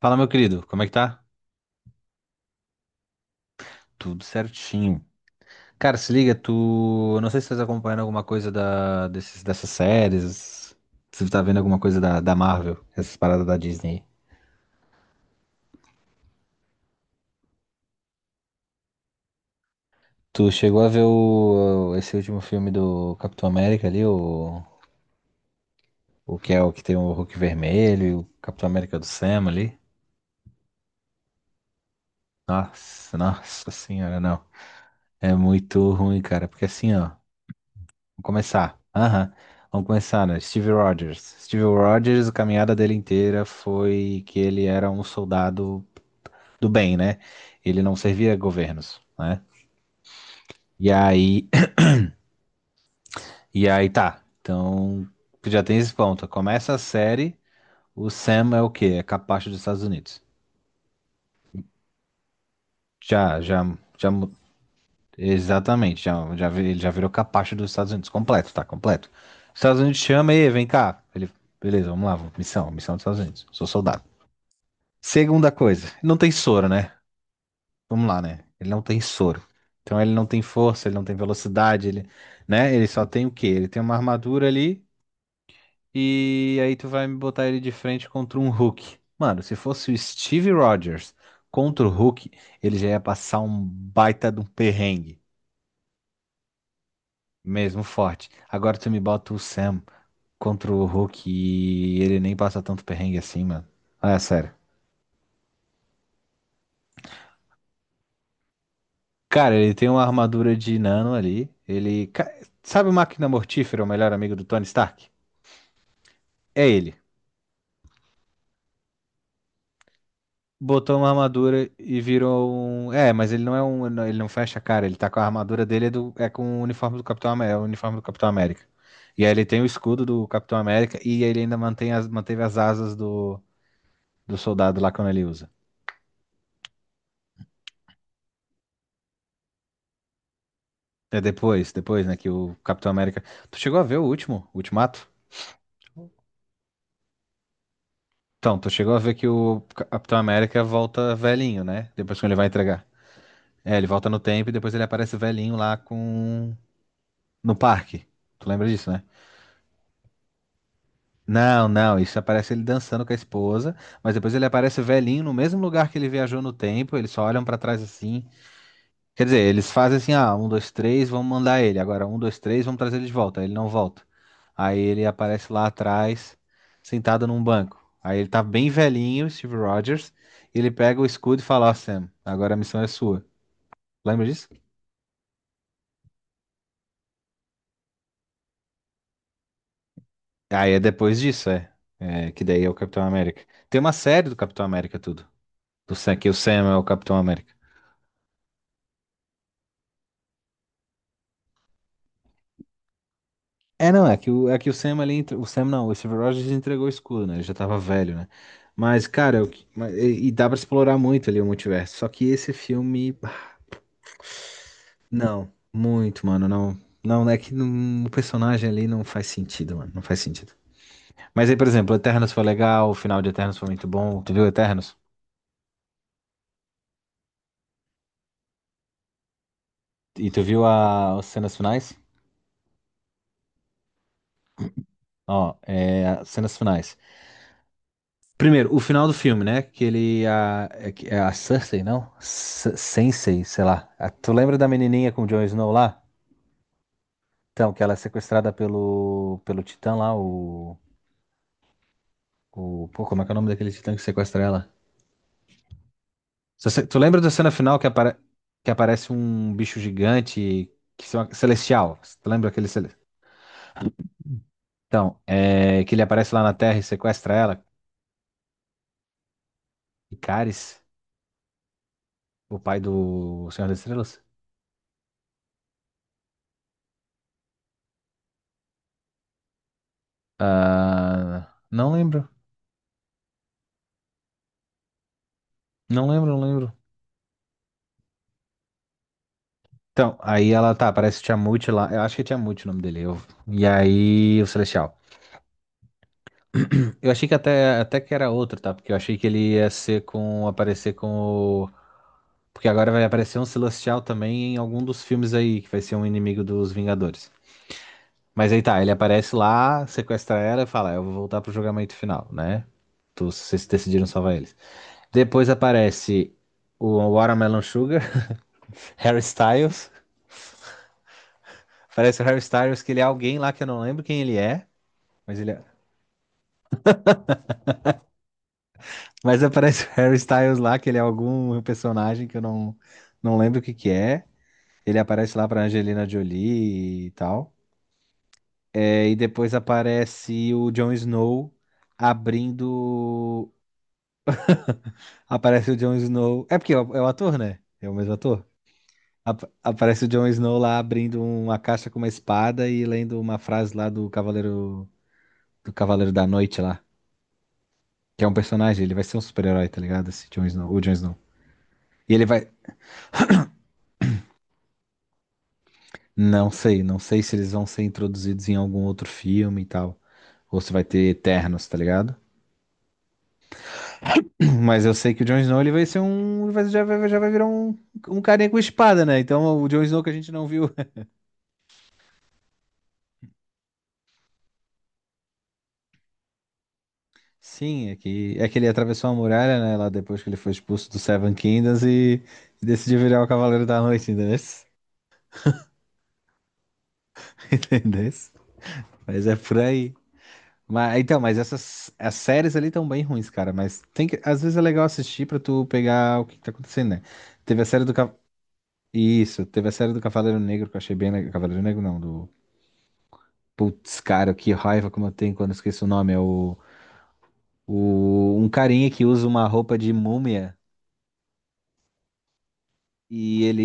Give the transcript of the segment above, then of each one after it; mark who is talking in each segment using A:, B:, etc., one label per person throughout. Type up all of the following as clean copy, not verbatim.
A: Fala, meu querido, como é que tá? Tudo certinho. Cara, se liga, tu. Eu não sei se tu tá acompanhando alguma coisa dessas séries. Se tu tá vendo alguma coisa da Marvel, essas paradas da Disney. Tu chegou a ver esse último filme do Capitão América ali, o que tem o Hulk vermelho, e o Capitão América do Sam ali? Nossa, Nossa Senhora, não. É muito ruim, cara, porque assim, ó. Vamos começar. Aham. Vamos começar, né? Steve Rogers. Steve Rogers, a caminhada dele inteira foi que ele era um soldado do bem, né? Ele não servia governos, né? E aí, e aí, tá. Então, tu já tem esse ponto. Começa a série, o Sam é o quê? É capacho dos Estados Unidos. Já, já, já, mu- Exatamente, ele já virou capacho dos Estados Unidos, completo, tá, completo. Os Estados Unidos chama e vem cá. Beleza, vamos lá, missão, missão dos Estados Unidos, sou soldado. Segunda coisa, ele não tem soro, né? Vamos lá, né? Ele não tem soro. Então ele não tem força, ele não tem velocidade, ele, né? Ele só tem o quê? Ele tem uma armadura ali e aí tu vai me botar ele de frente contra um Hulk. Mano, se fosse o Steve Rogers contra o Hulk, ele já ia passar um baita de um perrengue, mesmo forte. Agora tu me bota o Sam contra o Hulk e ele nem passa tanto perrengue assim, mano. Ah, é sério. Cara, ele tem uma armadura de nano ali. Sabe o Máquina Mortífera, o melhor amigo do Tony Stark? É ele. Botou uma armadura e virou um. É, mas ele não é um. Ele não fecha a cara, ele tá com a armadura dele, é, é com o uniforme do Capitão América. É o uniforme do Capitão América. E aí ele tem o escudo do Capitão América e ele ainda mantém manteve as asas do soldado lá quando ele usa. É depois, depois, né, que o Capitão América. Tu chegou a ver o último, o Ultimato? Então, tu chegou a ver que o Capitão América volta velhinho, né? Depois que ele vai entregar. É, ele volta no tempo e depois ele aparece velhinho lá com. No parque. Tu lembra disso, né? Não, não, isso aparece ele dançando com a esposa, mas depois ele aparece velhinho no mesmo lugar que ele viajou no tempo, eles só olham pra trás assim. Quer dizer, eles fazem assim, ah, um, dois, três, vamos mandar ele. Agora, um, dois, três, vamos trazer ele de volta. Aí ele não volta. Aí ele aparece lá atrás, sentado num banco. Aí ele tá bem velhinho, Steve Rogers, e ele pega o escudo e fala: ó, Sam, agora a missão é sua. Lembra disso? Aí é depois disso, é. É, que daí é o Capitão América. Tem uma série do Capitão América tudo. Do Sam, que o Sam é o Capitão América. É, não, é que o Sam ali, o Sam não, o Steve Rogers entregou o escudo, né? Ele já tava velho, né? Mas, cara, e dá pra explorar muito ali o multiverso. Só que esse filme, bah, não, muito, mano, não. Não, é que não- o personagem ali não faz sentido, mano, não faz sentido. Mas aí, por exemplo, Eternos foi legal, o final de Eternos foi muito bom. Tu viu Eternos? E tu viu as cenas finais? Ó, é, as cenas finais. Primeiro, o final do filme, né? Que ele. A, é, que- É a Cersei, não? S Sensei, sei lá. Ah, tu lembra da menininha com o Jon Snow lá? Então, que ela é sequestrada pelo Titã lá, o. Pô, como é que é o nome daquele Titã que sequestra ela? Se você- Tu lembra da cena final que aparece um bicho gigante que se celestial? Tu lembra Então, é, que ele aparece lá na Terra e sequestra ela? Icaris, o pai do Senhor das Estrelas? Ah, não lembro. Não lembro, não lembro. Então, aí ela tá, parece Tiamut lá. Eu acho que é Tiamut o nome dele. E aí, o Celestial. Eu achei que até que era outro, tá? Porque eu achei que ele ia ser com. Aparecer com o. Porque agora vai aparecer um Celestial também em algum dos filmes aí, que vai ser um inimigo dos Vingadores. Mas aí tá, ele aparece lá, sequestra ela e fala: eu vou voltar pro julgamento final, né? Vocês decidiram salvar eles. Depois aparece o Watermelon Sugar, Harry Styles. Aparece o Harry Styles, que ele é alguém lá que eu não lembro quem ele é... Mas aparece o Harry Styles lá, que ele é algum personagem que eu não, não lembro o que que é. Ele aparece lá pra Angelina Jolie e tal. É, e depois aparece o Jon Snow abrindo. Aparece o Jon Snow. É porque é o ator, né? É o mesmo ator. Aparece o Jon Snow lá abrindo uma caixa com uma espada e lendo uma frase lá do Cavaleiro da Noite lá. Que é um personagem, ele vai ser um super-herói, tá ligado? Esse Jon Snow, o Jon Snow. E ele vai. Não sei, não sei se eles vão ser introduzidos em algum outro filme e tal. Ou se vai ter Eternos, tá ligado? Mas eu sei que o Jon Snow, ele vai ser um. Vai- já, vai, já vai virar um carinha com espada, né? Então o Jon Snow que a gente não viu. Sim, é que ele atravessou a muralha, né? Lá depois que ele foi expulso do Seven Kingdoms e decidiu virar o Cavaleiro da Noite, entendeu? Entendeu? Mas é por aí. Mas, então, mas essas as séries ali estão bem ruins, cara. Mas tem que, às vezes é legal assistir pra tu pegar o que, que tá acontecendo, né? Teve a série do. Ca- Isso, teve a série do Cavaleiro Negro que eu achei bem. Cavaleiro Negro não, do. Putz, cara, que raiva como eu tenho quando eu esqueço o nome. É o. Um carinha que usa uma roupa de múmia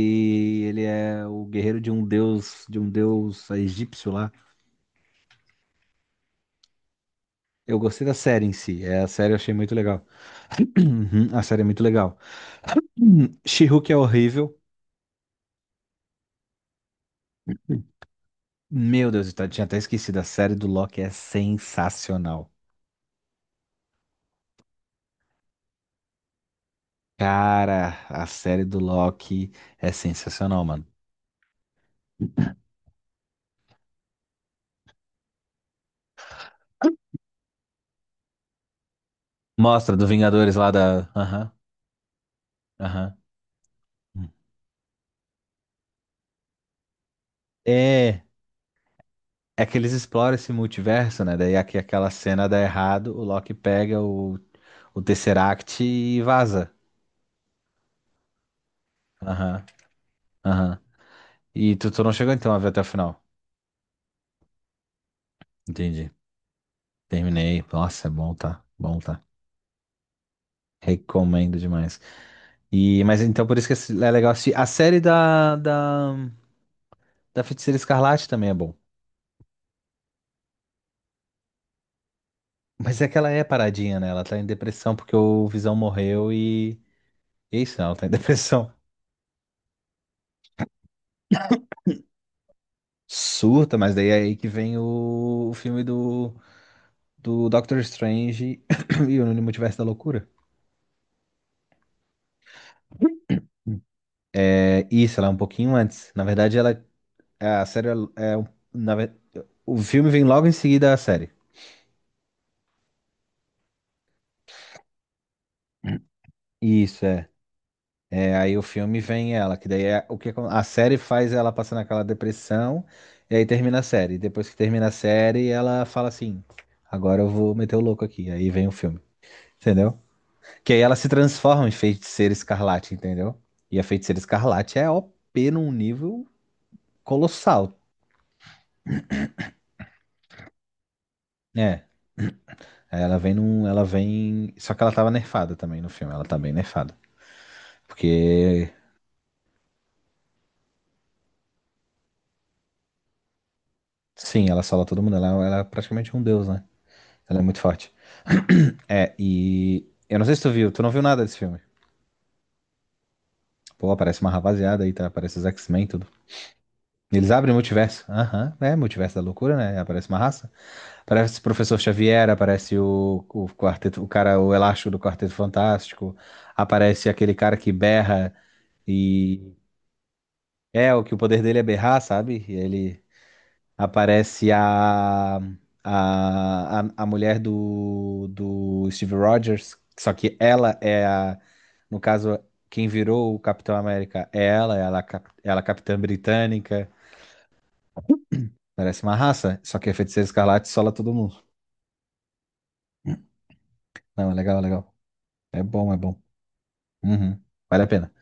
A: Ele é o guerreiro de um deus. De um deus egípcio lá. Eu gostei da série em si. É, a série eu achei muito legal. A série é muito legal. She-Hulk é horrível. Meu Deus, tinha até esquecido. A série do Loki é sensacional. Cara, a série do Loki é sensacional, mano. Mostra do Vingadores lá da. Aham, aham. É, é que eles exploram esse multiverso, né? Daí aqui aquela cena dá errado, o Loki pega o Tesseract e vaza. Aham, aham. E tu não chegou então a ver até o final? Entendi. Terminei. Nossa, é bom, tá? Bom, tá? Recomendo demais. E, mas então por isso que é legal assistir. A série da Feiticeira Escarlate também é bom. Mas é que ela é paradinha, né? Ela tá em depressão porque o Visão morreu e é isso, né? Ela tá em depressão. Surta, mas daí é aí que vem o filme do Doctor Strange e o Multiverso da Loucura. É isso, ela é um pouquinho antes. Na verdade, ela a série é. é um- na, ve- o filme vem logo em seguida à série. Isso, é. É, aí o filme vem ela, que daí é, a série faz ela passar naquela depressão, e aí termina a série. Depois que termina a série, ela fala assim: agora eu vou meter o louco aqui. Aí vem o filme, entendeu? Que aí ela se transforma em feiticeira escarlate, entendeu? E a feiticeira escarlate é o p num nível colossal. É, aí ela ela vem, só que ela tava nerfada também no filme, ela tá bem nerfada. Porque, sim, ela sola todo mundo, ela é praticamente um deus, né? Ela é muito forte. É, e eu não sei se tu viu, tu não viu nada desse filme. Pô, aparece uma rapaziada aí, tá? Aparece os X-Men e tudo. Eles abrem o multiverso. Aham, é multiverso da loucura, né? Aparece uma raça. Aparece o Professor Xavier, aparece o quarteto, o cara, o elástico do Quarteto Fantástico. Aparece aquele cara que berra e é o que o poder dele é berrar, sabe? E ele. Aparece a mulher do Steve Rogers, só que ela é a, no caso, quem virou o Capitão América é ela é a Capitã Britânica. Parece uma raça, só que a Feiticeira Escarlate sola todo mundo. Não, é legal, é legal. É bom, é bom. Uhum. Vale a pena.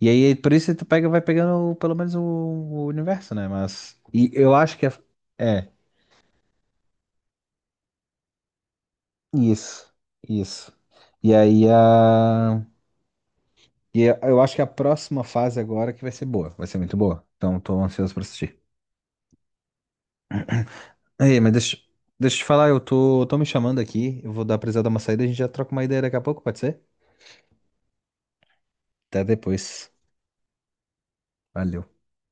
A: E aí, por isso tu pega, vai pegando pelo menos o universo, né? Mas. E eu acho que a- é. Isso. Isso. E aí a. E eu acho que a próxima fase agora que vai ser boa, vai ser muito boa. Então tô ansioso pra assistir. Ei, mas deixa eu te falar, eu tô me chamando aqui, eu vou dar precisar dar uma saída, a gente já troca uma ideia daqui a pouco, pode ser? Até depois. Valeu.